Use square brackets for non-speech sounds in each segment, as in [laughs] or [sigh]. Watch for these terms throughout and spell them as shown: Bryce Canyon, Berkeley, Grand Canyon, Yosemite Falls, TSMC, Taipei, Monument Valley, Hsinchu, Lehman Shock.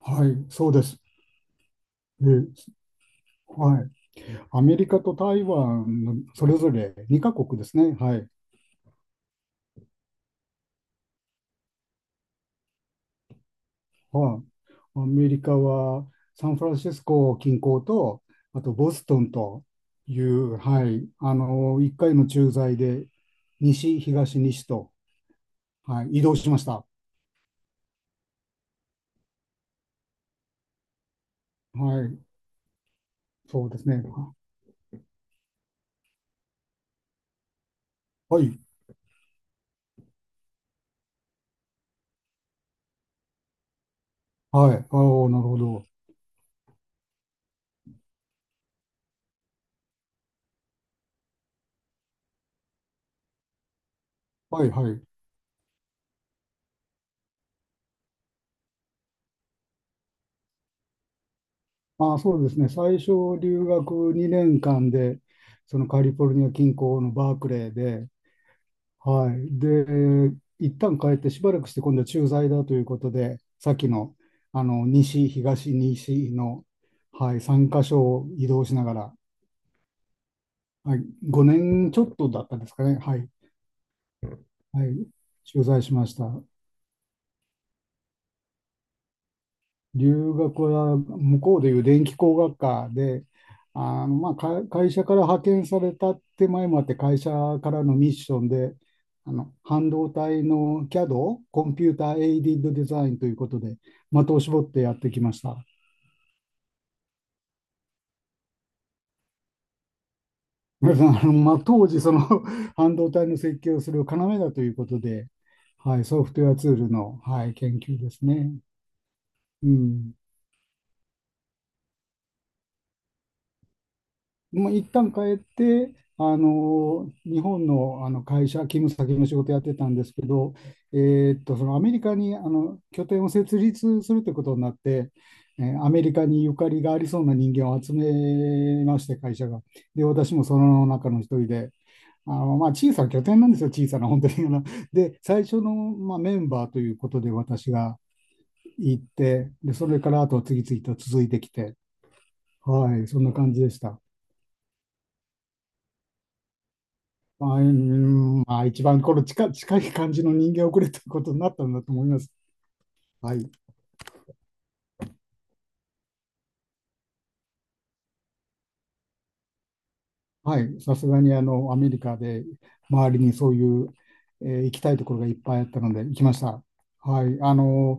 はい、そうです。えはい。アメリカと台湾のそれぞれ2カ国ですね。はい。はい。アメリカはサンフランシスコ近郊と、あとボストンという、はい、1回の駐在で西、東、西と、はい、移動しました。はい、そうですね。はい、はい、ああ、なるほど。はい、はい。ああ、そうですね。最初、留学2年間で、そのカリフォルニア近郊のバークレーで、はい。で、一旦帰ってしばらくして今度は駐在だということで、さっきの、西、東、西の、はい、3箇所を移動しながら、はい、5年ちょっとだったんですかね。はい。はい。駐在しました。留学は向こうでいう電気工学科で、会社から派遣されたって前もあって会社からのミッションで半導体の CAD、コンピューターエイディッドデザインということで的を絞ってやってきました。[laughs] 皆さん当時その [laughs] 半導体の設計をする要だということで、はい、ソフトウェアツールの、はい、研究ですね。うん一旦帰って、あの日本の、あの会社、勤務先の仕事やってたんですけど、えそのアメリカにあの拠点を設立するということになって、アメリカにゆかりがありそうな人間を集めまして、会社が。で、私もその中の一人で、小さな拠点なんですよ、小さな、本当に。で、最初の、まあ、メンバーということで、私が行って、で、それからあとは次々と続いてきて、はい、そんな感じでした。まあ、うん、まあ、一番この近い感じの人間をくれということになったんだと思います。はい。はい。さすがに、あの、アメリカで周りにそういう、行きたいところがいっぱいあったので、行きました。はい。あの、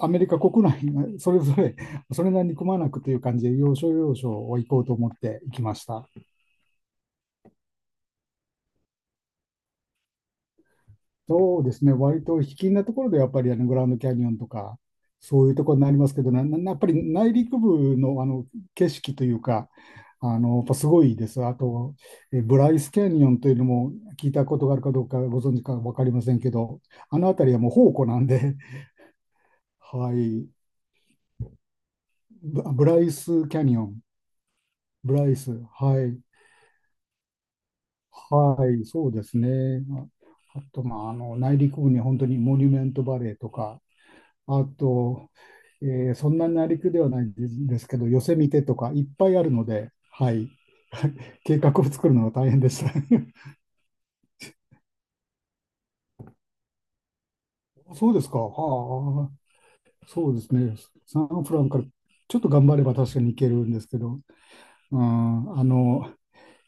アメリカ国内がそれぞれ、それなりにくまなくという感じで、要所要所を行こうと思って行きました。そうですね、割と卑近なところでやっぱりあのグランドキャニオンとか、そういうところになりますけど、なやっぱり内陸部の、あの景色というか、あのやっぱすごいです。あと、ブライスキャニオンというのも聞いたことがあるかどうかご存知か分かりませんけど、あの辺りはもう宝庫なんで、[laughs] はい、ブライスキャニオン、ブライス、はい、はい、そうですね。ああと、まあ、あの内陸部に本当にモニュメントバレーとか、あと、そんなにりくではないんですけど、ヨセみてとかいっぱいあるので、はい。[laughs] 計画を作るのが大変でした。[laughs] そうですか。はあ、そうですね。サンフランからちょっと頑張れば確かに行けるんですけど、うん、あの、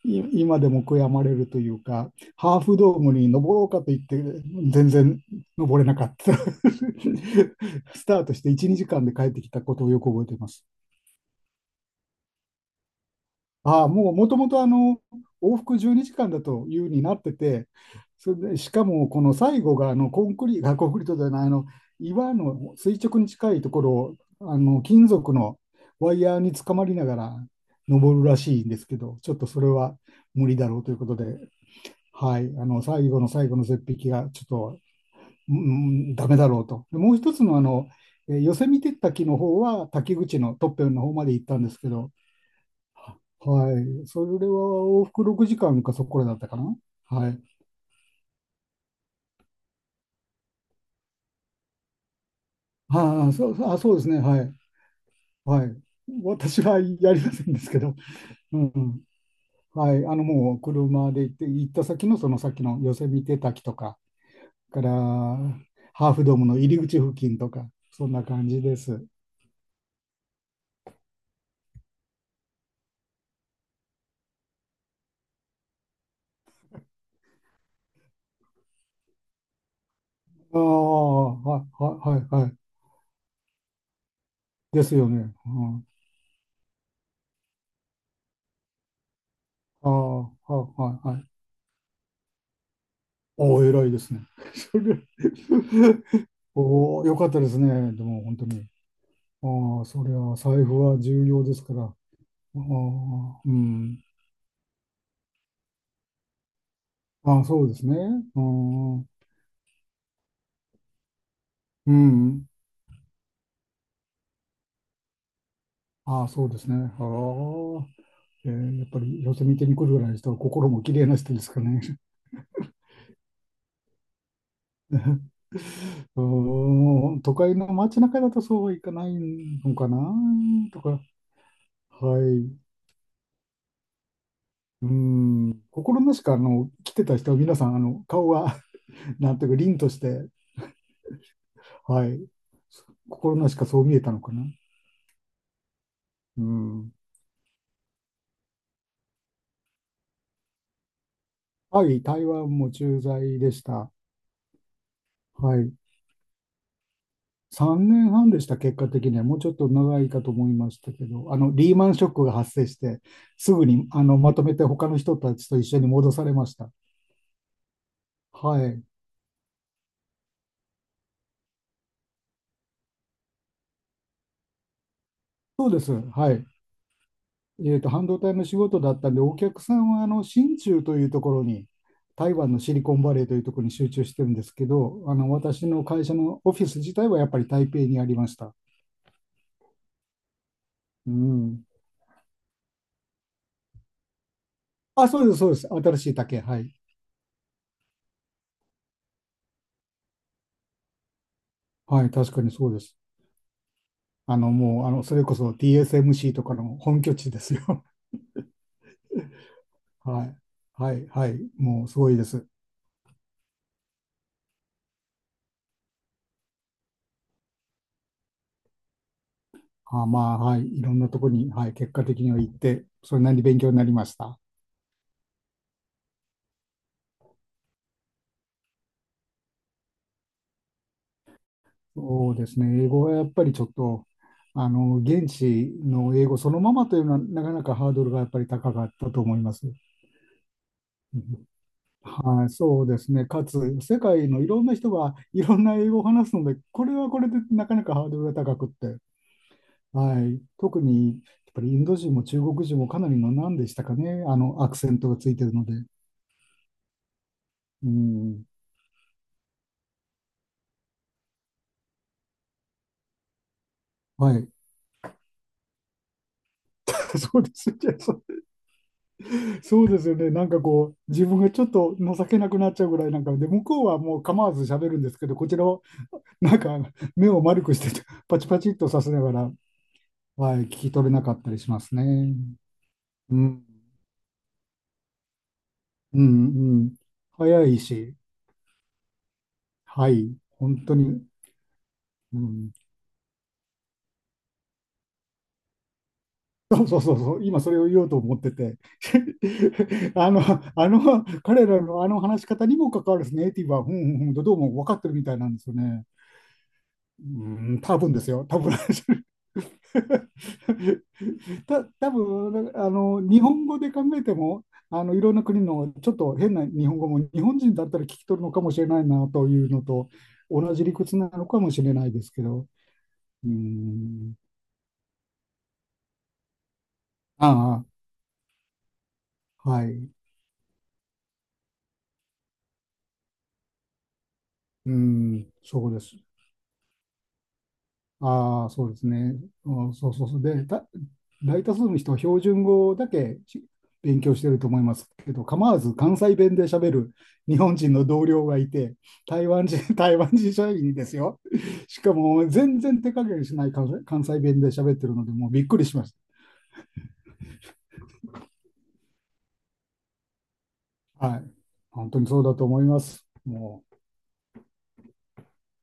今でも悔やまれるというか、ハーフドームに登ろうかと言って、全然登れなかった。[laughs] スタートして1、2時間で帰ってきたことをよく覚えています。ああ、もう、もともとあの、往復12時間だというになってて、それで、しかも、この最後が、あの、コンクリートじゃない、あの、岩の垂直に近いところを、あの、金属のワイヤーにつかまりながら登るらしいんですけど、ちょっとそれは無理だろうということで、はい、あの、最後の最後の絶壁が、ちょっと、うん、ダメだろうと。でもう一つの、あの、ヨセミテッタキの方は、滝口のトッペンの方まで行ったんですけど、はい。それは往復6時間かんかそこらだったかな。はい。そうですね。はい。はい。私はやりませんですけど、うん、うん。はい。あの、もう車で行って、行った先のその先のヨセミテ滝とか、からハーフドームの入り口付近とか、そんな感じです。ああ、はい、はい、はい。はい、ですよね。うん、ああ、はい、はい。はい。おお、偉いですね。[laughs] それ、おお、よかったですね。でも、本当に。ああ、そりゃ、財布は重要ですから。ああ、うん。ああ、そうですね。うん。うん。ああ、そうですね。ああ、やっぱり寄せ見てに来るぐらいの人は心も綺麗な人ですかね。[laughs] うーん、都会の街中だとそうはいかないのかなとか、はい。うん、心なしかあの来てた人は皆さんあの顔が [laughs] なんていうか凛として、はい、心なしかそう見えたのかな。うん。はい、台湾も駐在でした。はい。3年半でした、結果的には。もうちょっと長いかと思いましたけど、あの、リーマンショックが発生して、すぐに、あの、まとめて他の人たちと一緒に戻されました。はい。そうです。はい。えっと、半導体の仕事だったんで、お客さんは、あの、新中というところに、台湾のシリコンバレーというところに集中してるんですけど、あの、私の会社のオフィス自体はやっぱり台北にありました。うん。あ、そうです、そうです。新しい竹。はい。はい、確かにそうです。あの、もう、あの、それこそ TSMC とかの本拠地ですよ。[laughs] はい。はい、はい。もう、すごいです。あ、まあ、はい。いろんなとこに、はい。結果的には行って、それなりに勉強になりました。そうですね。英語はやっぱりちょっと、あの、現地の英語そのままというのは、なかなかハードルがやっぱり高かったと思います。うん。はい、そうですね。かつ、世界のいろんな人がいろんな英語を話すので、これはこれでなかなかハードルが高くって。はい。特に、やっぱりインド人も中国人もかなりの何でしたかね。あの、アクセントがついてるので。うん。はい。[laughs] そうですね。そうそうですよね。なんかこう、自分がちょっと情けなくなっちゃうぐらいなんかで、向こうはもう構わず喋るんですけど、こちらをなんか目を丸くして、パチパチっとさせながら、はい、聞き取れなかったりしますね。うん。うん、うん。早いし、はい。本当に。うん。そう、今それを言おうと思ってて、[laughs] あの、あの、彼らのあの話し方にも関わるですねネイティブは、ふんふんふんとどうも分かってるみたいなんですよね。うーん、多分ですよ、多分。 [laughs] 多分あの日本語で考えても、あのいろんな国のちょっと変な日本語も日本人だったら聞き取るのかもしれないなというのと同じ理屈なのかもしれないですけど、うーん、ああ、はい、うーん、そうです。ああ、そうですね。うん。そう。で、大多数の人は標準語だけ勉強してると思いますけど、構わず関西弁で喋る日本人の同僚がいて、台湾人、[laughs] 台湾人社員ですよ。しかも全然手加減しない関西弁で喋ってるので、もうびっくりしました。はい。本当にそうだと思います。もう。